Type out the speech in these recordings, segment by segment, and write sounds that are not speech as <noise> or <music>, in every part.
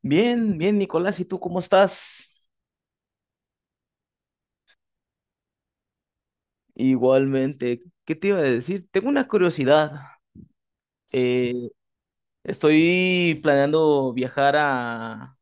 Bien, bien, Nicolás, ¿y tú cómo estás? Igualmente, ¿qué te iba a decir? Tengo una curiosidad. Eh, estoy planeando viajar a,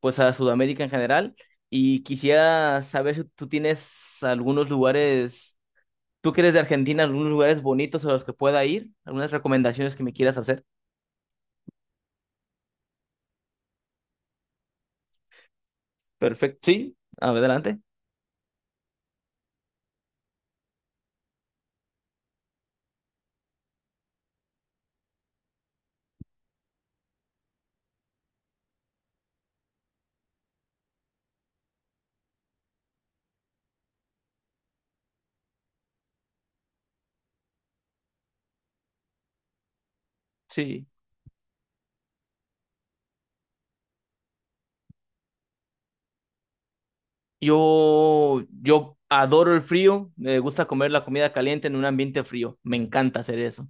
pues, a Sudamérica en general y quisiera saber si tú tienes algunos lugares, tú que eres de Argentina, algunos lugares bonitos a los que pueda ir, algunas recomendaciones que me quieras hacer. Perfecto, sí, adelante, sí. Yo adoro el frío, me gusta comer la comida caliente en un ambiente frío, me encanta hacer eso.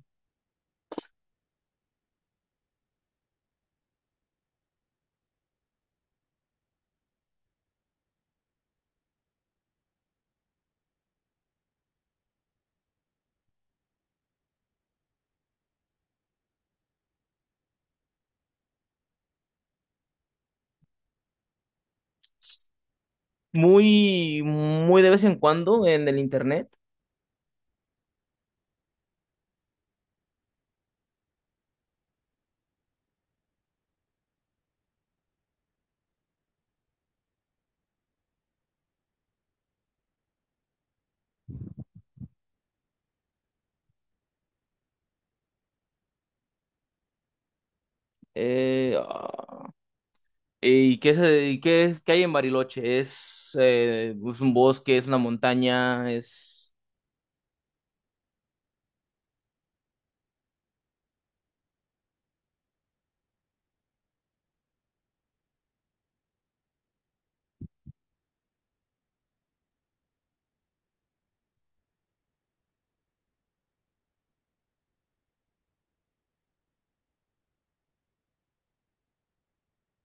Muy, muy de vez en cuando en el internet. Eh, ah, ¿y qué es, y qué es, qué hay en Bariloche? Es un bosque, es una montaña,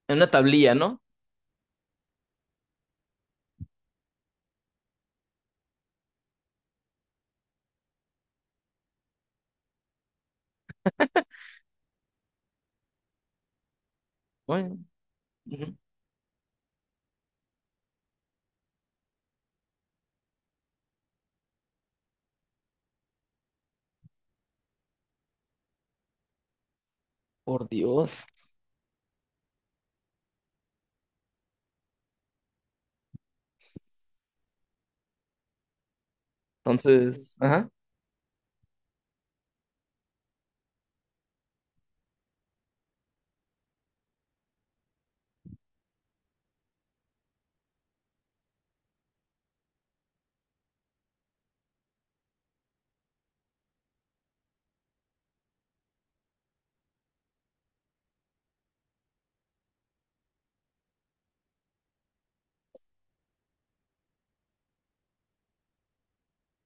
es una tablilla, ¿no? Bueno, ujú, por Dios. Entonces, ajá.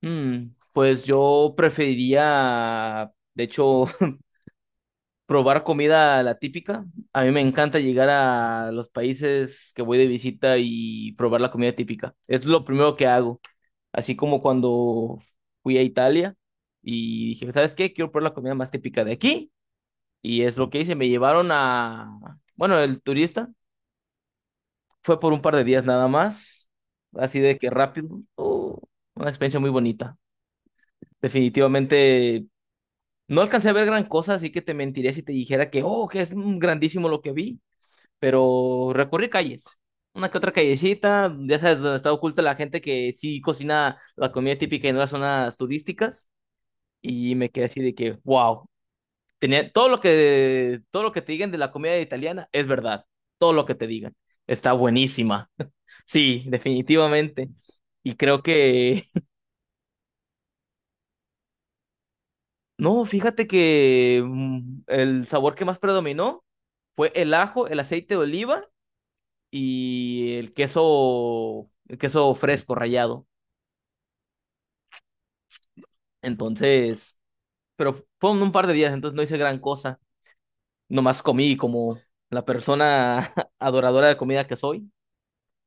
Mm, pues yo preferiría, de hecho, <laughs> probar comida la típica. A mí me encanta llegar a los países que voy de visita y probar la comida típica. Es lo primero que hago. Así como cuando fui a Italia y dije, ¿sabes qué? Quiero probar la comida más típica de aquí. Y es lo que hice. Me llevaron a... Bueno, el turista fue por un par de días nada más. Así de que rápido. Oh, una experiencia muy bonita. Definitivamente no alcancé a ver gran cosa, así que te mentiría si te dijera que, oh, que es grandísimo lo que vi. Pero recorrí calles. Una que otra callecita, ya sabes, donde está oculta la gente que sí cocina la comida típica y no las zonas turísticas. Y me quedé así de que, wow, tenía todo lo que te digan de la comida italiana es verdad, todo lo que te digan. Está buenísima. <laughs> Sí, definitivamente. Y creo que, <laughs> no, fíjate que el sabor que más predominó fue el ajo, el aceite de oliva y el queso fresco rallado. Entonces, pero fue en un par de días, entonces no hice gran cosa. Nomás comí como la persona <laughs> adoradora de comida que soy.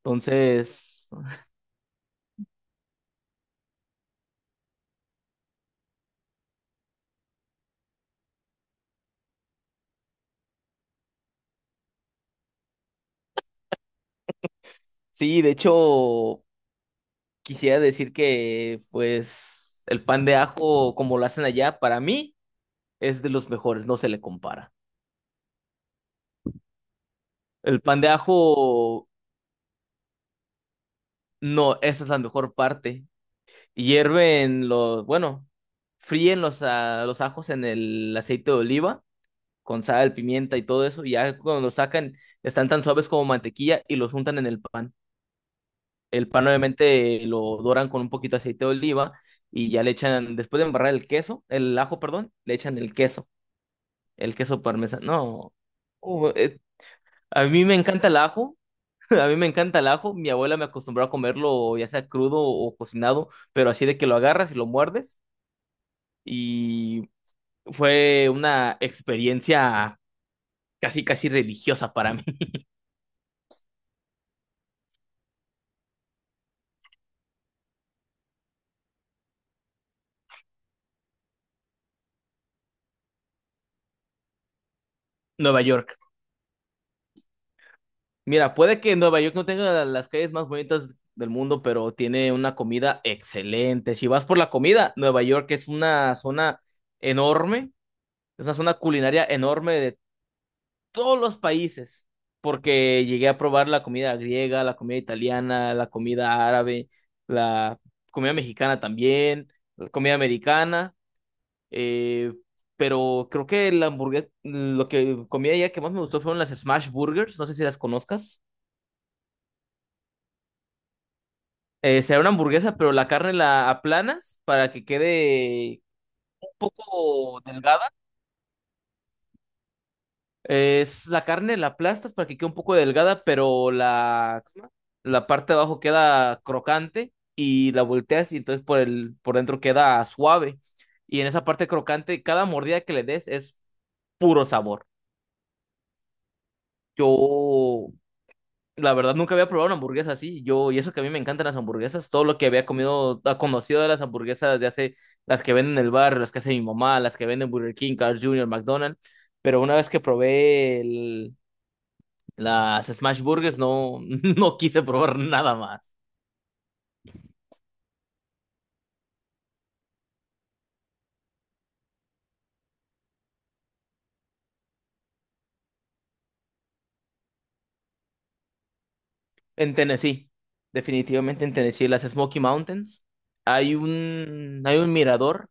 Entonces, sí, de hecho, quisiera decir que, pues, el pan de ajo, como lo hacen allá, para mí es de los mejores, no se le compara. El pan de ajo, no, esa es la mejor parte. Hierven los, bueno, fríen los, los ajos en el aceite de oliva, con sal, pimienta y todo eso, y ya cuando los sacan, están tan suaves como mantequilla y los juntan en el pan. El pan obviamente lo doran con un poquito de aceite de oliva y ya le echan, después de embarrar el queso, el ajo, perdón, le echan el queso parmesano. No, uh, eh, a mí me encanta el ajo, <laughs> a mí me encanta el ajo. Mi abuela me acostumbró a comerlo ya sea crudo o cocinado, pero así de que lo agarras y lo muerdes y fue una experiencia casi, casi religiosa para mí, <laughs> Nueva York. Mira, puede que Nueva York no tenga las calles más bonitas del mundo, pero tiene una comida excelente. Si vas por la comida, Nueva York es una zona enorme, es una zona culinaria enorme de todos los países, porque llegué a probar la comida griega, la comida italiana, la comida árabe, la comida mexicana también, la comida americana, eh, pero creo que la hamburguesa, lo que comí allá que más me gustó fueron las Smash Burgers, no sé si las conozcas. Será una hamburguesa, pero la carne la aplanas para que quede un poco delgada. Es la carne la aplastas para que quede un poco delgada, pero la, ¿cómo se llama? La parte de abajo queda crocante y la volteas y entonces por el, por dentro queda suave. Y en esa parte crocante, cada mordida que le des es puro sabor. Yo la verdad, nunca había probado una hamburguesa así. Yo, y eso que a mí me encantan las hamburguesas, todo lo que había comido, conocido de las hamburguesas de hace, las que venden en el bar, las que hace mi mamá, las que venden Burger King, Carl Jr., McDonald's. Pero una vez que probé las Smash Burgers, no, <laughs> no quise probar nada más. En Tennessee, definitivamente en Tennessee, las Smoky Mountains, hay un mirador.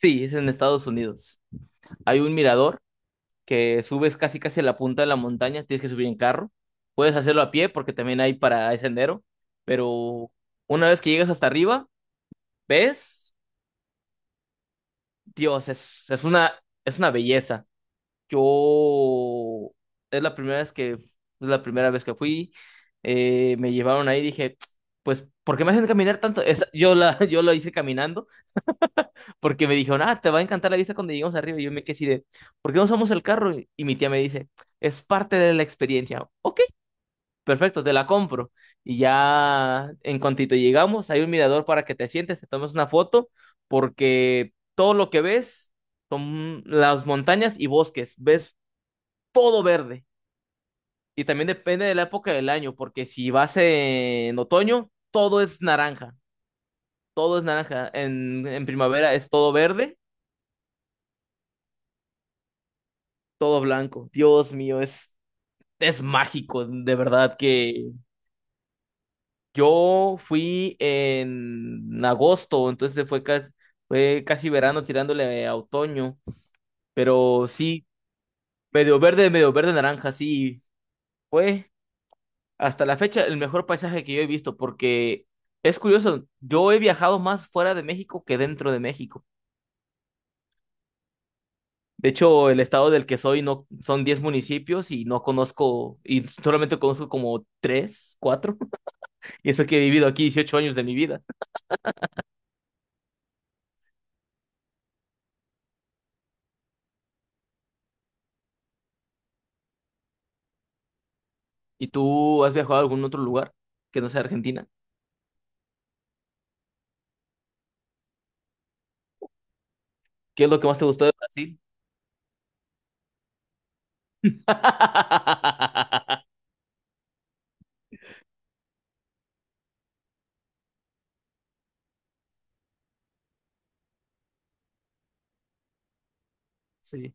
Sí, es en Estados Unidos. Hay un mirador que subes casi casi a la punta de la montaña, tienes que subir en carro. Puedes hacerlo a pie porque también hay para ese sendero, pero una vez que llegas hasta arriba, ves, Dios, es una belleza. Yo es la primera vez que, es la primera vez que fui, me llevaron ahí, dije, pues, ¿por qué me hacen caminar tanto? Esa- yo la, <laughs> yo lo hice caminando porque me dijeron, ah, te va a encantar la vista cuando lleguemos arriba. Y yo me quedé así de, ¿por qué no usamos el carro? Y mi tía me dice, es parte de la experiencia. Ok, perfecto, te la compro. Y ya en cuantito llegamos, hay un mirador para que te sientes, te tomes una foto, porque todo lo que ves son las montañas y bosques, ves todo verde. Y también depende de la época del año, porque si vas en otoño, todo es naranja, todo es naranja. En primavera es todo verde, todo blanco. Dios mío, es mágico, de verdad que yo fui en agosto, entonces fue casi verano tirándole a otoño, pero sí, medio verde naranja, sí, fue hasta la fecha el mejor paisaje que yo he visto, porque es curioso, yo he viajado más fuera de México que dentro de México. De hecho, el estado del que soy no son 10 municipios y no conozco, y solamente conozco como 3 4 <laughs> y eso que he vivido aquí 18 años de mi vida. ¿Y tú has viajado a algún otro lugar que no sea Argentina? ¿Qué es lo que más te gustó de Brasil? <laughs> Sí.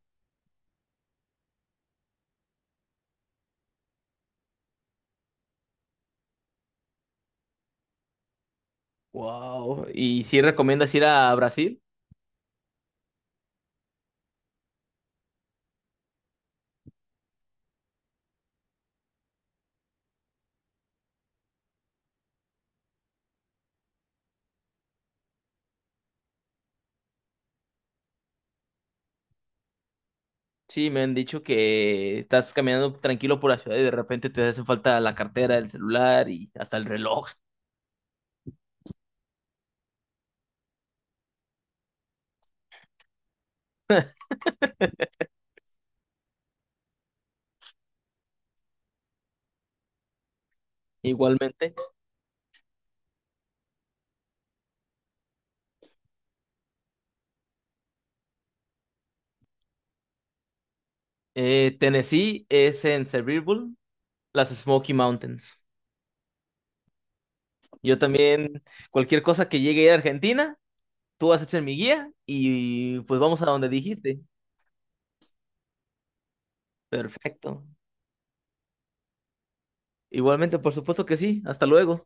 Wow. ¿Y si recomiendas ir a Brasil? Sí, me han dicho que estás caminando tranquilo por la ciudad y de repente te hace falta la cartera, el celular y hasta el reloj. <laughs> Igualmente. Tennessee es en Sevierville, las Smoky Mountains. Yo también, cualquier cosa que llegue a ir a Argentina, tú vas a ser mi guía y pues vamos a donde dijiste. Perfecto. Igualmente, por supuesto que sí. Hasta luego.